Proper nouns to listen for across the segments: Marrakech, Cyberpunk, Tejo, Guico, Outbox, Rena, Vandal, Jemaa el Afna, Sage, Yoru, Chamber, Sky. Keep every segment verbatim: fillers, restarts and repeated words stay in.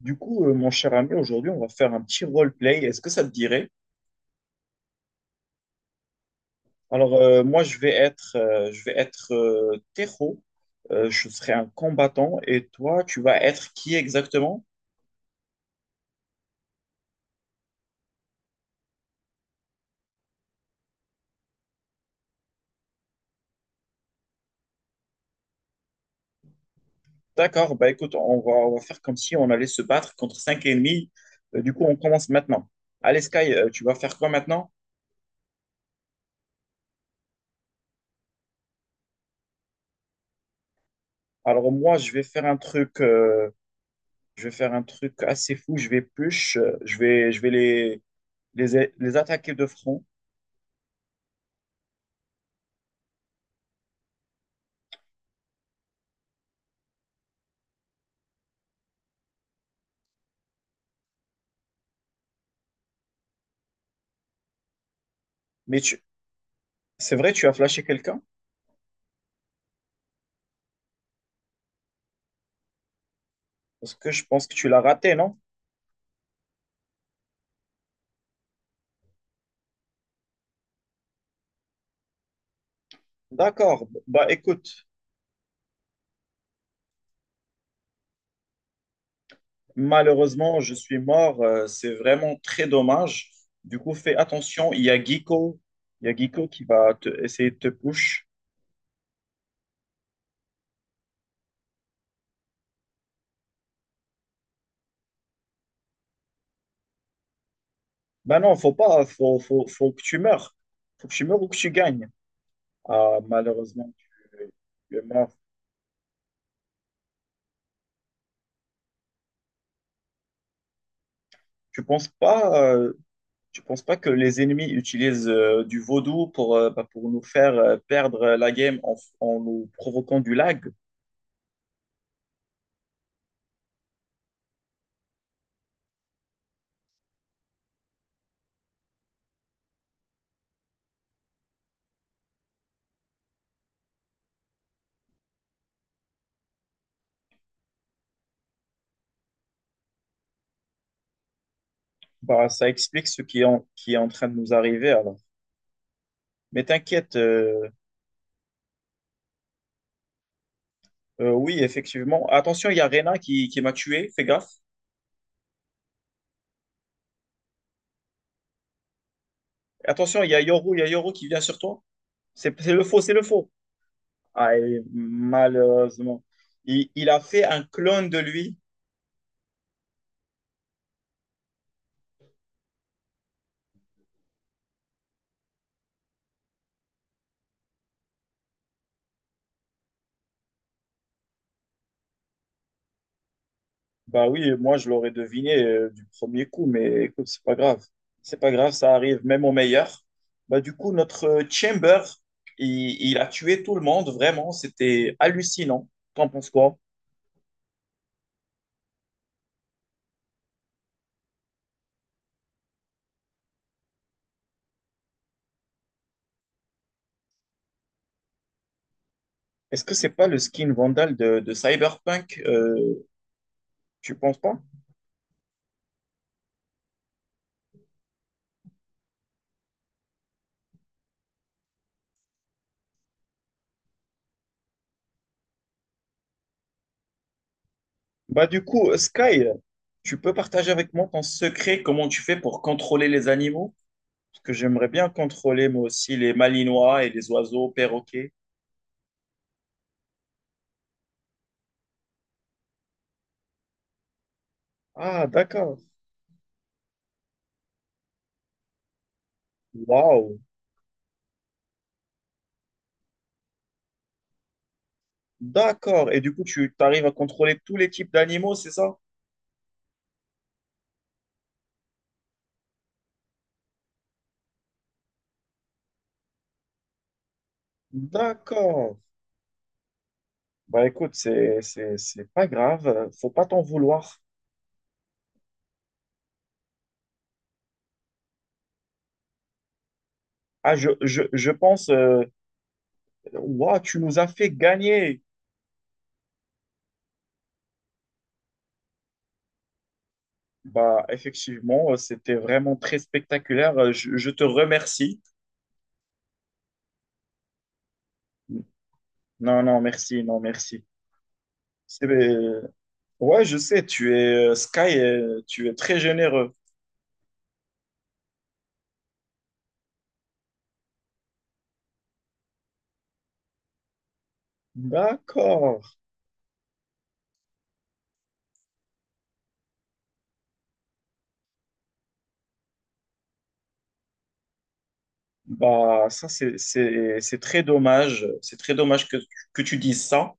Du coup, euh, mon cher ami, aujourd'hui, on va faire un petit roleplay. Est-ce que ça te dirait? Alors, euh, moi, je vais être, euh, je vais être euh, Tejo. Euh, je serai un combattant. Et toi, tu vas être qui exactement? D'accord. Bah, écoute, on va, on va faire comme si on allait se battre contre cinq ennemis. Euh, du coup, on commence maintenant. Allez, Sky, euh, tu vas faire quoi maintenant? Alors, moi, je vais faire un truc, euh, je vais faire un truc assez fou. Je vais push. euh, je vais, je vais les, les, les attaquer de front. Mais tu, c'est vrai, tu as flashé quelqu'un? Parce que je pense que tu l'as raté, non? D'accord. Bah écoute, malheureusement, je suis mort. Euh, c'est vraiment très dommage. Du coup, fais attention. Il y a Guico. Il y a Guico qui va te- essayer de te push. Bah non, faut pas. Faut, faut, faut que tu meurs. Faut que tu meurs ou que tu gagnes. Ah, malheureusement, tu, tu es mort. Tu penses pas, euh, Tu penses pas que les ennemis utilisent euh, du vaudou pour, euh, bah, pour nous faire euh, perdre la game en, en nous provoquant du lag? Bah, ça explique ce qui est en, qui est en train de nous arriver alors. Mais t'inquiète, euh, euh, oui, effectivement. Attention, il y a Rena qui, qui m'a tué, fais gaffe. Attention, il y a Yoru, il y a Yoru qui vient sur toi. C'est c'est le faux, c'est le faux. Ah, et malheureusement. Il, il a fait un clone de lui. Bah oui, moi je l'aurais deviné euh, du premier coup, mais écoute, c'est pas grave. C'est pas grave, ça arrive même au meilleur. Bah du coup, notre euh, Chamber, il, il a tué tout le monde, vraiment, c'était hallucinant. T'en penses quoi? Est-ce que c'est pas le skin Vandal de, de Cyberpunk? Euh, tu penses pas? Bah du coup, euh, Sky, tu peux partager avec moi ton secret, comment tu fais pour contrôler les animaux? Parce que j'aimerais bien contrôler moi aussi les malinois et les oiseaux, perroquets. Ah d'accord. Waouh. D'accord. Et du coup, tu arrives à contrôler tous les types d'animaux, c'est ça? D'accord. Bah écoute, c'est c'est c'est pas grave, euh, faut pas t'en vouloir. Ah je je je pense euh, waouh, tu nous as fait gagner. Bah, effectivement, euh, c'était vraiment très spectaculaire. Euh, Je, je te remercie. Non, non, merci, non, merci. C'est, euh, ouais, je sais, tu es euh, Sky, euh, tu es très généreux. D'accord. Bah, ça, c'est, c'est, c'est très dommage. C'est très dommage que, que tu dises ça.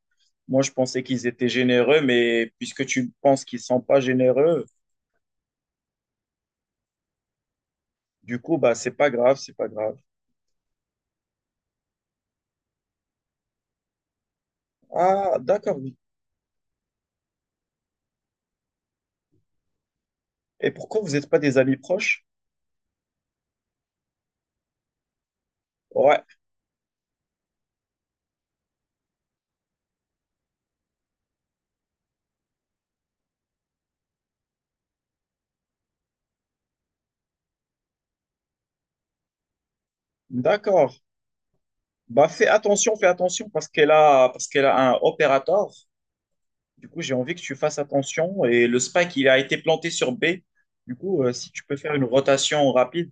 Moi, je pensais qu'ils étaient généreux, mais puisque tu penses qu'ils sont pas généreux, du coup, bah, c'est pas grave, c'est pas grave. Ah, d'accord. Oui. Et pourquoi vous n'êtes pas des amis proches? Ouais, d'accord. Bah, fais attention, fais attention parce qu'elle a, parce qu'elle a un opérateur. Du coup, j'ai envie que tu fasses attention. Et le spike, il a été planté sur B. Du coup, euh, si tu peux faire une rotation rapide.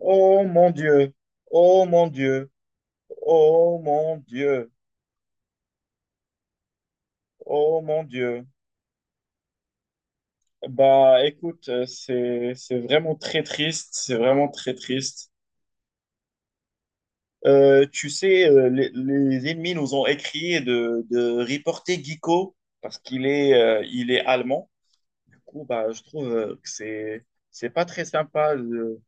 Oh mon Dieu, oh mon Dieu, oh mon Dieu, oh mon Dieu. Bah, écoute, euh, c'est, c'est vraiment très triste, c'est vraiment très triste. Euh, tu sais, euh, les, les ennemis nous ont écrit de, de reporter Guico parce qu'il est, euh, il est allemand. Du coup, bah, je trouve euh, que c'est c'est pas très sympa. Le-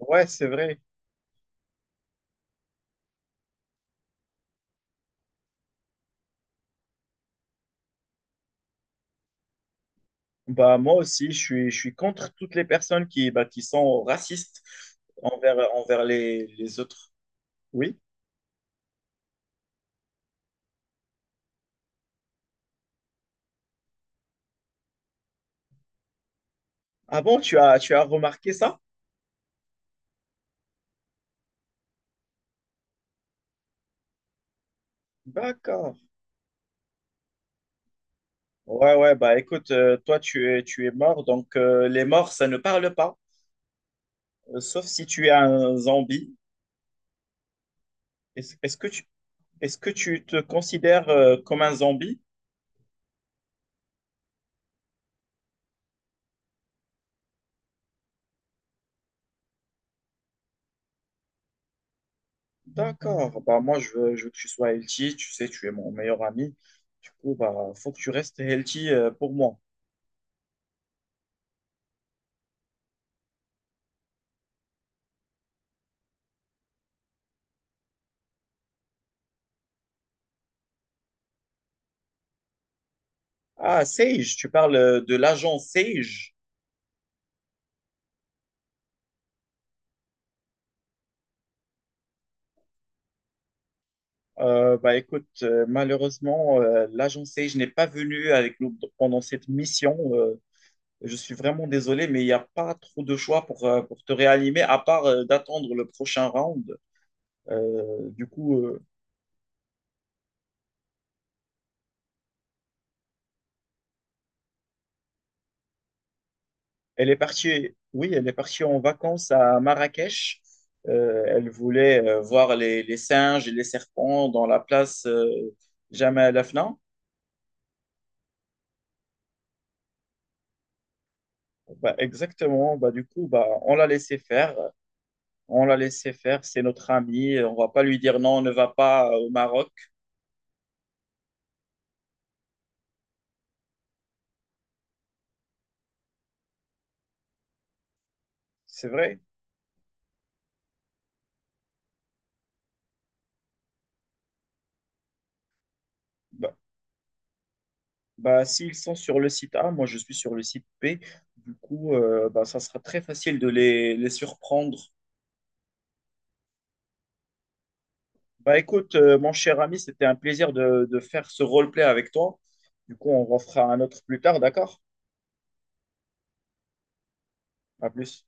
Ouais, c'est vrai. Bah, moi aussi, je suis, je suis contre toutes les personnes qui, bah, qui sont racistes envers, envers les, les autres. Oui. Ah bon, tu as, tu as remarqué ça? D'accord. Ouais, ouais, bah écoute, euh, toi, tu es, tu es mort, donc euh, les morts, ça ne parle pas, euh, sauf si tu es un zombie. Est-ce, est-ce que tu, est-ce que tu te considères euh, comme un zombie? D'accord. Bah, moi, je veux, je veux que tu sois healthy. Tu sais, tu es mon meilleur ami. Du coup, bah, faut que tu restes healthy euh, pour moi. Ah, Sage, tu parles euh, de l'agent Sage. Euh, bah, écoute, euh, malheureusement, euh, l'agent Sage n'est pas venu avec nous pendant cette mission. Euh, je suis vraiment désolé, mais il n'y a pas trop de choix pour, euh, pour te réanimer, à part euh, d'attendre le prochain round. Euh, du coup, euh, Elle est partie, oui, elle est partie en vacances à Marrakech. Euh, elle voulait euh, voir les, les singes et les serpents dans la place euh, Jemaa el Afna. Bah, exactement. Bah, du coup, bah, on l'a laissé faire. On l'a laissé faire. C'est notre ami. On va pas lui dire non, on ne va pas euh, au Maroc. C'est vrai. Bah, Bah, s'ils sont sur le site A, moi je suis sur le site B. Du coup, euh, bah, ça sera très facile de les, les surprendre. Bah écoute, euh, mon cher ami, c'était un plaisir de, de faire ce roleplay avec toi. Du coup, on refera un autre plus tard, d'accord? À plus.